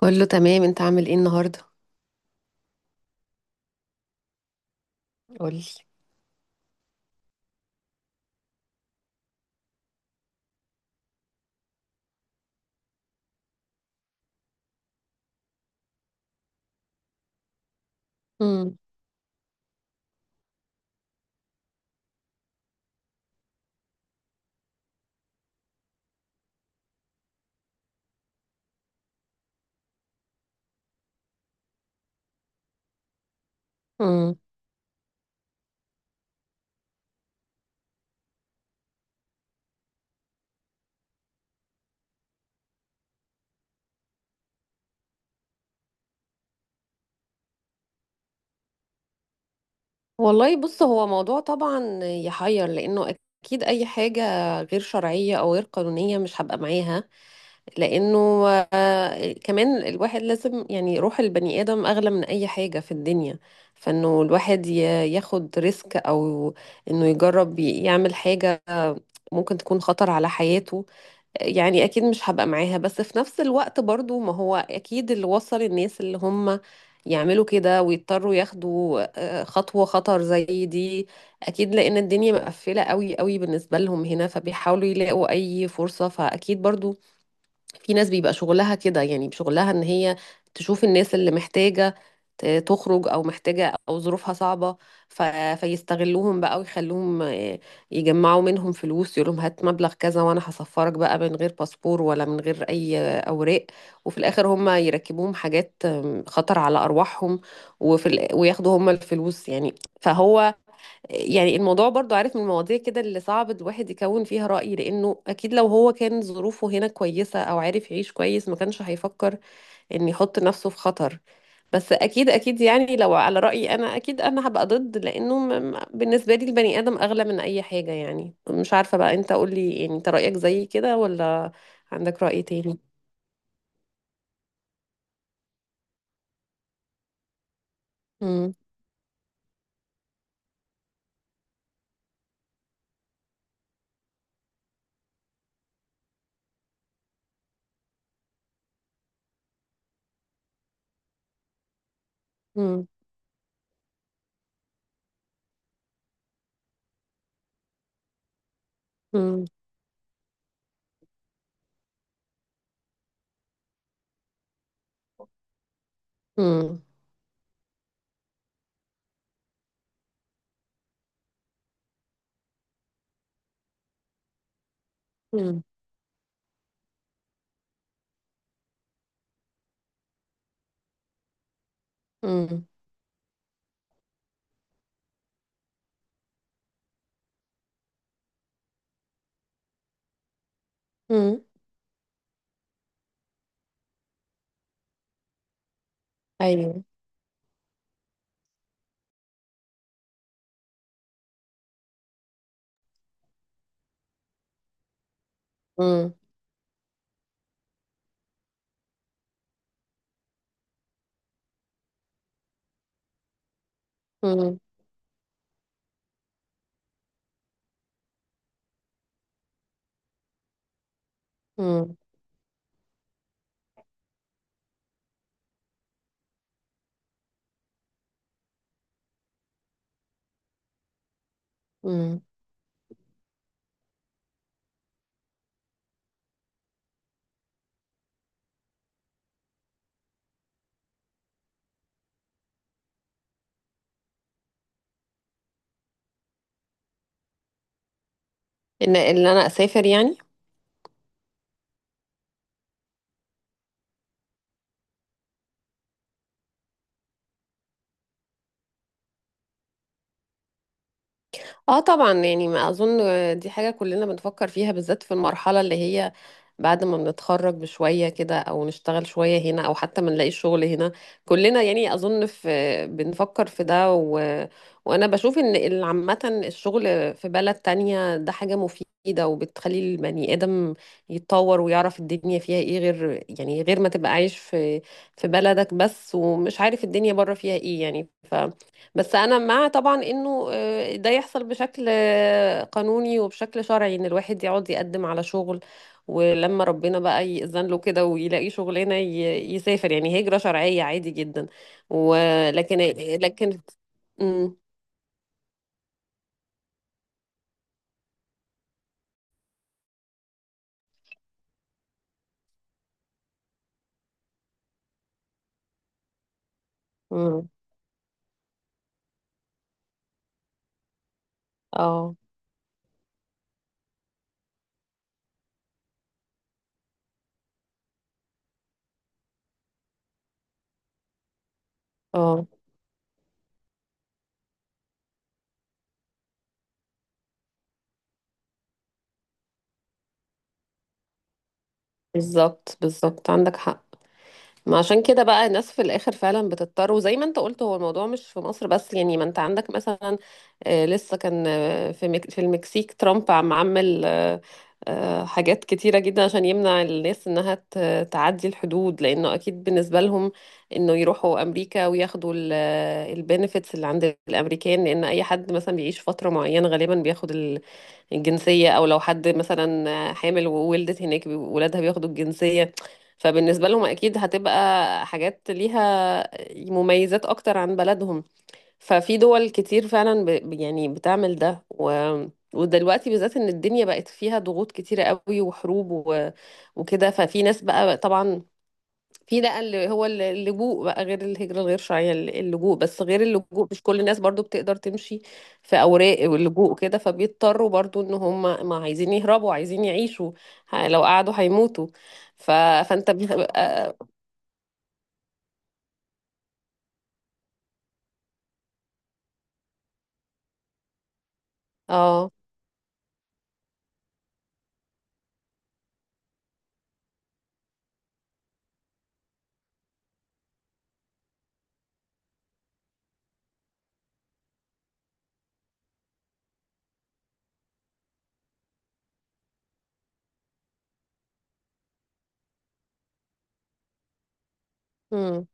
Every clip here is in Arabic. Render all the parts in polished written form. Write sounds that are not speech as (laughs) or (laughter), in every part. كله تمام، انت عامل ايه النهارده؟ قولي. امم امم والله بص، هو موضوع طبعا يحير، لانه اكيد اي حاجه غير شرعيه او غير قانونيه مش هبقى معاها. لانه كمان، الواحد لازم يعني، روح البني ادم اغلى من اي حاجه في الدنيا. فانه الواحد ياخد ريسك، او انه يجرب يعمل حاجه ممكن تكون خطر على حياته. يعني اكيد مش هبقى معاها، بس في نفس الوقت برضو ما هو اكيد اللي وصل الناس اللي هم يعملوا كده ويضطروا ياخدوا خطوة خطر زي دي، اكيد لان الدنيا مقفلة قوي قوي بالنسبة لهم هنا، فبيحاولوا يلاقوا اي فرصة. فاكيد برضو في ناس بيبقى شغلها كده، يعني شغلها ان هي تشوف الناس اللي محتاجة تخرج او محتاجة او ظروفها صعبة، ف... فيستغلوهم بقى ويخلوهم يجمعوا منهم فلوس. يقولهم هات مبلغ كذا وانا هسفرك بقى من غير باسبور ولا من غير اي اوراق، وفي الاخر هم يركبوهم حاجات خطر على ارواحهم، وياخدوا هم الفلوس يعني. فهو يعني الموضوع برضو، عارف، من المواضيع كده اللي صعب الواحد يكون فيها رأي، لأنه أكيد لو هو كان ظروفه هنا كويسة أو عارف يعيش كويس، ما كانش هيفكر إن يحط نفسه في خطر. بس أكيد أكيد، يعني لو على رأيي أنا، أكيد أنا هبقى ضد، لأنه بالنسبة لي البني آدم أغلى من أي حاجة. يعني مش عارفة بقى، أنت قولي، يعني أنت رأيك زي كده ولا عندك رأي تاني؟ مم. مم. مم. مم. مم. مم. مم. أيوه. مم. مم. مم. ان انا اسافر يعني. اه، طبعا يعني، ما اظن دي حاجه كلنا بنفكر فيها، بالذات في المرحله اللي هي بعد ما بنتخرج بشويه كده، او نشتغل شويه هنا، او حتى ما نلاقي شغل هنا. كلنا يعني اظن في، بنفكر في ده. و... وانا بشوف ان عامه الشغل في بلد تانية ده حاجه مفيده، وبتخلي البني ادم يتطور ويعرف الدنيا فيها ايه، غير يعني غير ما تبقى عايش في بلدك بس ومش عارف الدنيا بره فيها ايه يعني. بس انا مع طبعا انه ده يحصل بشكل قانوني وبشكل شرعي، ان الواحد يقعد يقدم على شغل ولما ربنا بقى يأذن له كده ويلاقي شغلانه، يسافر، يعني هجره شرعيه عادي جدا. ولكن لكن امم امم اه اه، بالظبط بالظبط، عندك حق. ما عشان كده بقى الناس في الاخر فعلا بتضطر، وزي ما انت قلت، هو الموضوع مش في مصر بس يعني. ما انت عندك مثلا، لسه كان في في المكسيك، ترامب عمل حاجات كتيرة جدا عشان يمنع الناس انها تعدي الحدود، لانه اكيد بالنسبة لهم انه يروحوا امريكا وياخدوا البنفيتس اللي عند الامريكان. لان اي حد مثلا بيعيش فترة معينة غالبا بياخد الجنسية، أو لو حد مثلا حامل وولدت هناك ولادها بياخدوا الجنسية. فبالنسبة لهم أكيد هتبقى حاجات ليها مميزات أكتر عن بلدهم. ففي دول كتير فعلا يعني بتعمل ده. و... ودلوقتي بالذات، إن الدنيا بقت فيها ضغوط كتيرة قوي، وحروب وكده. ففي ناس بقى طبعا، في بقى اللي هو اللجوء، بقى غير الهجرة الغير شرعية، اللجوء. بس غير اللجوء، مش كل الناس برضو بتقدر تمشي في أوراق واللجوء كده، فبيضطروا برضو إن هم، ما عايزين يهربوا، عايزين يعيشوا. لو قعدوا هيموتوا. ف... فأنت بيبقى اه. امم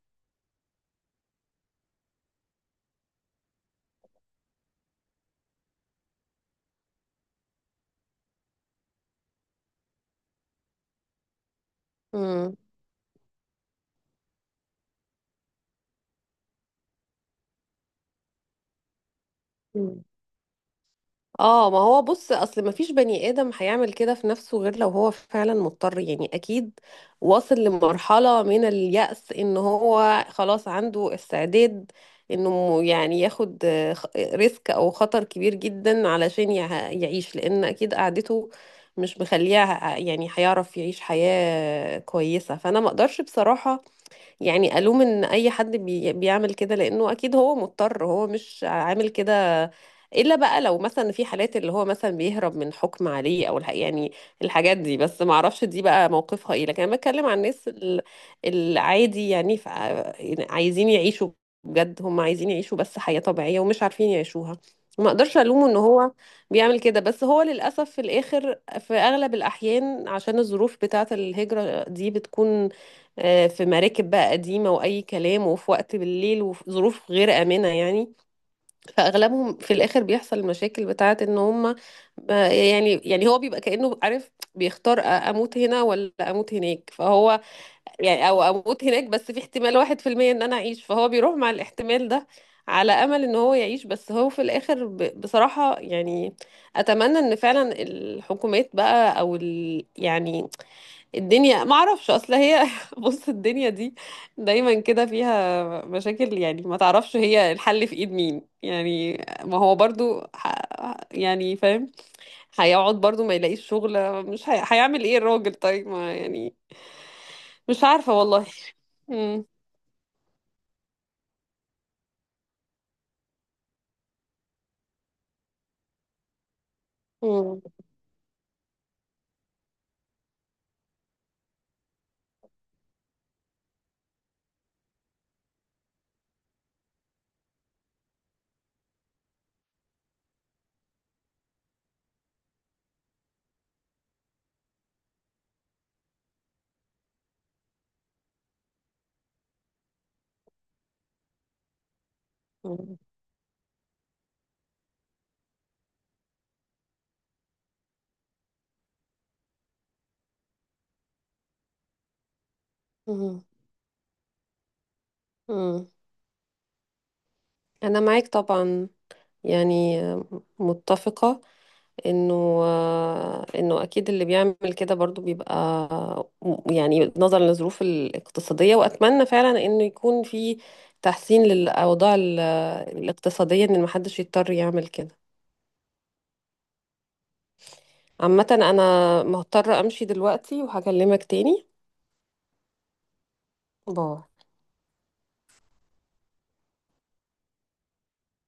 امم. امم. اه، ما هو بص، اصل ما فيش بني ادم هيعمل كده في نفسه غير لو هو فعلا مضطر، يعني اكيد واصل لمرحلة من اليأس ان هو خلاص عنده استعداد انه يعني ياخد ريسك او خطر كبير جدا علشان يعيش، لان اكيد قعدته مش مخليه يعني هيعرف يعيش حياة كويسة. فانا ما اقدرش بصراحة يعني ألوم إن أي حد بيعمل كده، لأنه أكيد هو مضطر، هو مش عامل كده إلا بقى لو مثلا في حالات اللي هو مثلا بيهرب من حكم عليه، أو يعني الحاجات دي. بس ما أعرفش دي بقى موقفها إيه. لكن أنا بتكلم عن الناس العادي، يعني يعني عايزين يعيشوا، بجد هم عايزين يعيشوا بس حياة طبيعية ومش عارفين يعيشوها. ما اقدرش الومه ان هو بيعمل كده. بس هو للاسف في الاخر في اغلب الاحيان، عشان الظروف بتاعه، الهجره دي بتكون في مراكب بقى قديمة وأي كلام، وفي وقت بالليل، وفي ظروف غير آمنة يعني. فأغلبهم في الآخر بيحصل المشاكل بتاعة إن هم يعني هو بيبقى كأنه، عارف، بيختار أموت هنا ولا أموت هناك. فهو يعني، أو أموت هناك بس في احتمال 1% إن أنا أعيش، فهو بيروح مع الاحتمال ده على امل ان هو يعيش. بس هو في الاخر بصراحة يعني، اتمنى ان فعلا الحكومات بقى، او يعني الدنيا، ما اعرفش، اصل هي (laughs) بص الدنيا دي دايما كده فيها مشاكل، يعني ما تعرفش هي الحل في ايد مين يعني. ما هو برضو يعني فاهم، هيقعد برضو ما يلاقيش شغل، مش هيعمل ايه الراجل؟ طيب ما يعني. مش عارفة والله. مم. مم. مم. مم. انا معاك طبعا، يعني متفقة انه انه اكيد اللي بيعمل كده برضو بيبقى، يعني نظرا للظروف الاقتصادية. واتمنى فعلا انه يكون في تحسين للاوضاع الاقتصادية، ان محدش يضطر يعمل كده. عامة انا مضطرة امشي دلوقتي، وهكلمك تاني. باي.